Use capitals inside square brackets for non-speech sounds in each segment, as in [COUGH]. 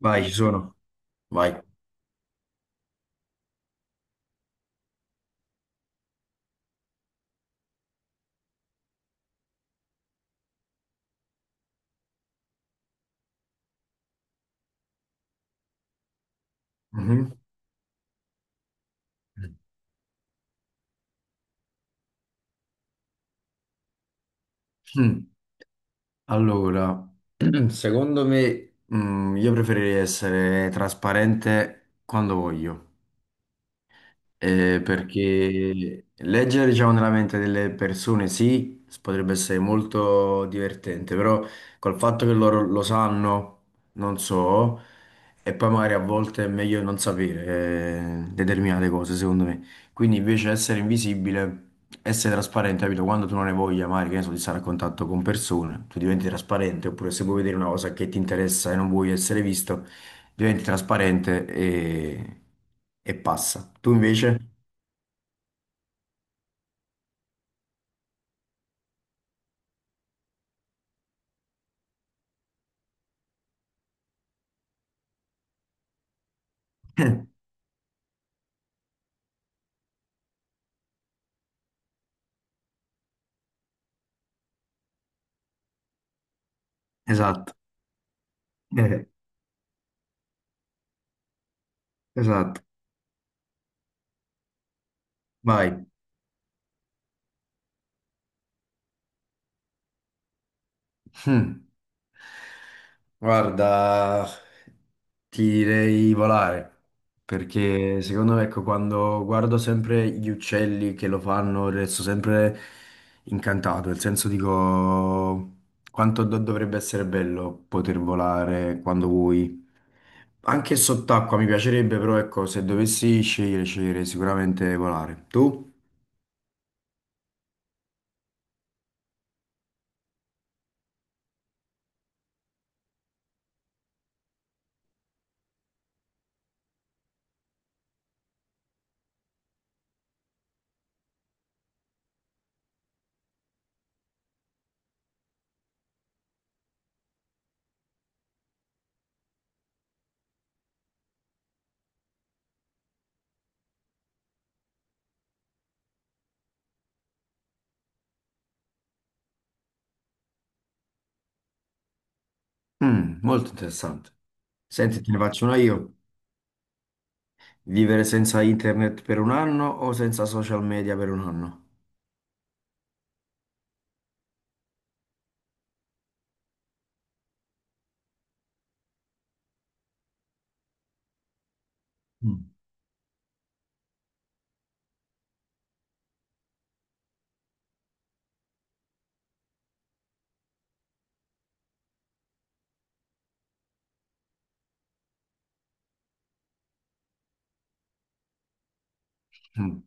Vai, ci sono. Vai. Mhm. Mm. Allora, secondo me, io preferirei essere trasparente quando voglio. Perché leggere, diciamo, nella mente delle persone sì, potrebbe essere molto divertente, però col fatto che loro lo sanno, non so, e poi magari a volte è meglio non sapere determinate cose, secondo me. Quindi invece essere invisibile, essere trasparente, capito? Quando tu non hai voglia, magari, che ne so, di stare a contatto con persone, tu diventi trasparente, oppure se vuoi vedere una cosa che ti interessa e non vuoi essere visto, diventi trasparente e passa. Tu invece? [LAUGHS] Esatto, eh, esatto, vai. Hmm. Guarda, ti direi volare, perché secondo me, ecco, quando guardo sempre gli uccelli che lo fanno, resto sempre incantato, nel senso dico quanto dovrebbe essere bello poter volare quando vuoi. Anche sott'acqua mi piacerebbe, però ecco, se dovessi scegliere, sceglierei sicuramente volare. Tu? Mm, molto interessante. Senti, te ne faccio una io. Vivere senza internet per un anno o senza social media per un anno? Mm. Mm.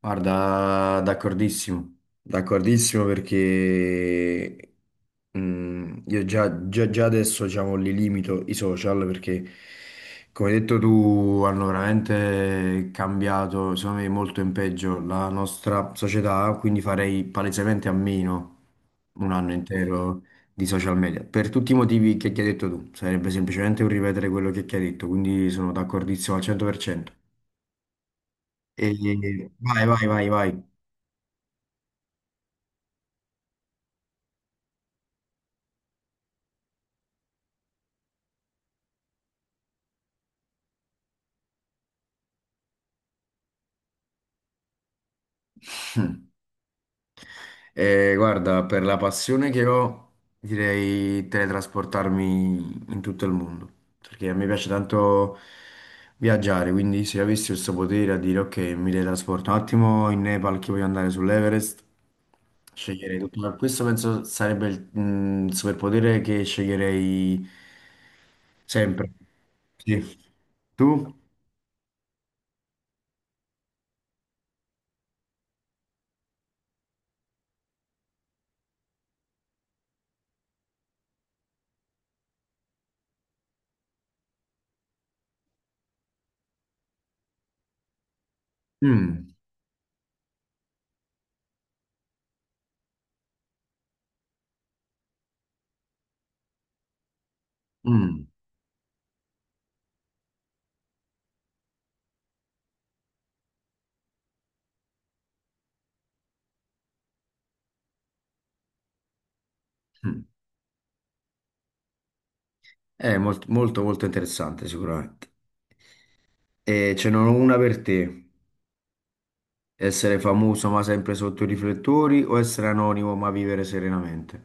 Guarda, d'accordissimo, d'accordissimo perché io già, già adesso diciamo, li limito i social perché come hai detto tu hanno veramente cambiato, secondo me molto in peggio la nostra società, quindi farei palesemente a meno un anno intero di social media per tutti i motivi che ti hai detto tu, sarebbe semplicemente un ripetere quello che ti hai detto, quindi sono d'accordissimo al 100%. Vai, vai, vai, vai. [LAUGHS] [CLEARS THROAT] Guarda, per la passione che ho, direi teletrasportarmi in tutto il mondo, perché a me piace tanto viaggiare, quindi se avessi questo potere a dire ok, mi teletrasporto un attimo in Nepal che voglio andare sull'Everest, sceglierei tutto. Ma questo penso sarebbe il superpotere che sceglierei sempre. Sì. Tu? Mm, mm, mm. È molto, molto, molto interessante sicuramente. E ce n'è una per te. Essere famoso ma sempre sotto i riflettori o essere anonimo ma vivere serenamente?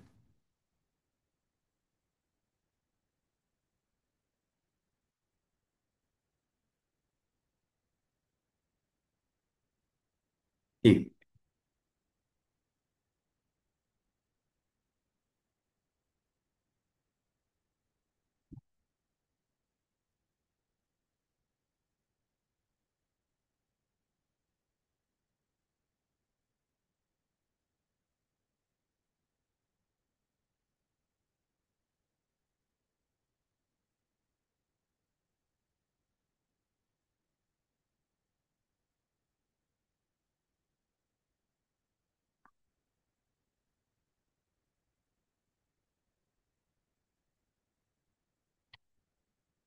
Sì,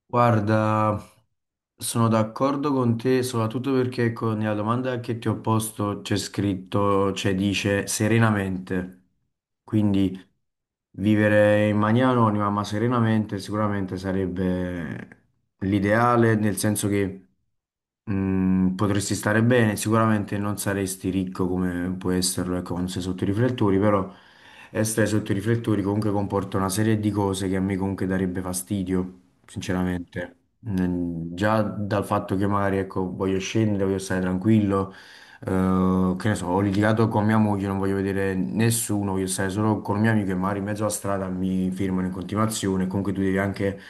guarda, sono d'accordo con te, soprattutto perché con la domanda che ti ho posto c'è scritto, cioè dice serenamente. Quindi vivere in maniera anonima ma serenamente sicuramente sarebbe l'ideale, nel senso che mm, potresti stare bene, sicuramente non saresti ricco come può esserlo, ecco, quando sei sotto i riflettori, però essere sotto i riflettori comunque comporta una serie di cose che a me comunque darebbe fastidio, sinceramente. Mm, già dal fatto che magari, ecco, voglio scendere, voglio stare tranquillo, che ne so, ho litigato con mia moglie, non voglio vedere nessuno, voglio stare solo con un mio amico e magari in mezzo alla strada mi firmano in continuazione, comunque tu devi anche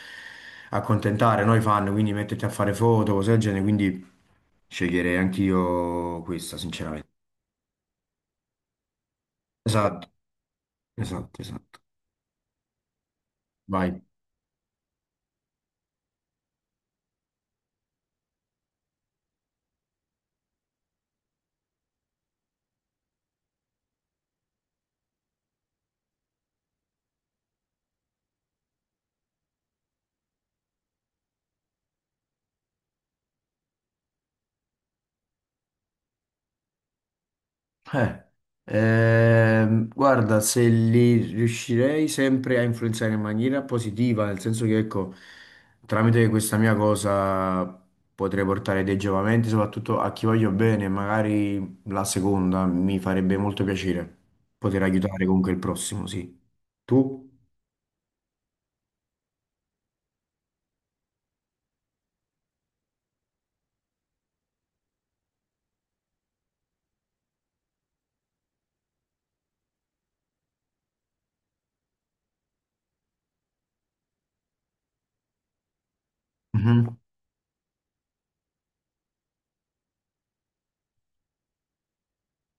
accontentare noi fan, quindi metterti a fare foto, cose del genere, quindi sceglierei anch'io questa, sinceramente. Esatto. Esatto, esatto. Vai. Eh, guarda, se li riuscirei sempre a influenzare in maniera positiva, nel senso che, ecco, tramite questa mia cosa potrei portare dei giovamenti, soprattutto a chi voglio bene, magari la seconda mi farebbe molto piacere poter aiutare comunque il prossimo, sì. Tu? Mhm.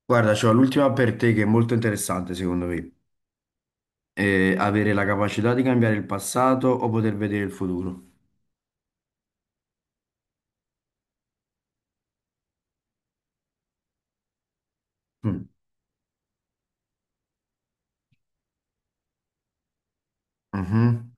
Guarda, c'ho l'ultima per te che è molto interessante, secondo me. Eh, avere la capacità di cambiare il passato o poter vedere il futuro. Mm. Mhm.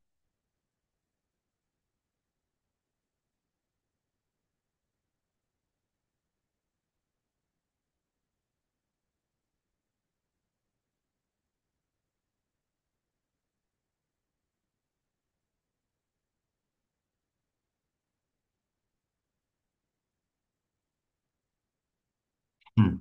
Mm.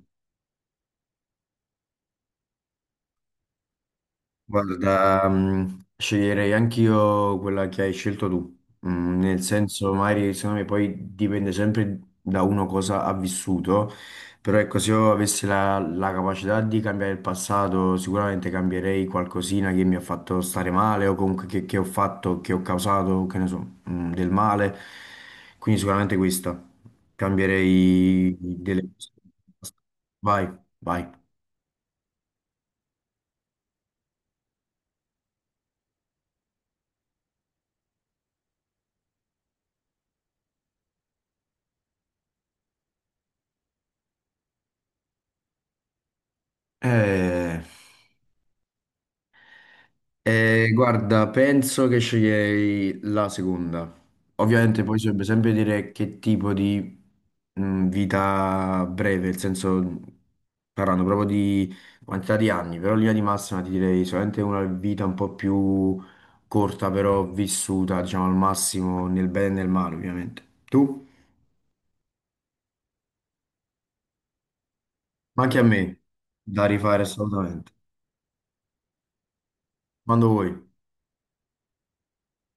Guarda, sceglierei anch'io quella che hai scelto tu, mm, nel senso, magari secondo me poi dipende sempre da uno cosa ha vissuto, però ecco, se io avessi la capacità di cambiare il passato, sicuramente cambierei qualcosina che mi ha fatto stare male o comunque che ho fatto, che ho causato, che ne so, del male, quindi sicuramente questa, cambierei delle cose. Vai, vai. Eh, guarda, penso che sceglierei la seconda. Ovviamente poi si dovrebbe sempre dire che tipo di vita breve, nel senso parlando proprio di quantità di anni, però in linea di massima ti direi solamente una vita un po' più corta, però vissuta, diciamo, al massimo nel bene e nel male, ovviamente. Tu? Ma anche a me, da rifare assolutamente. Quando vuoi.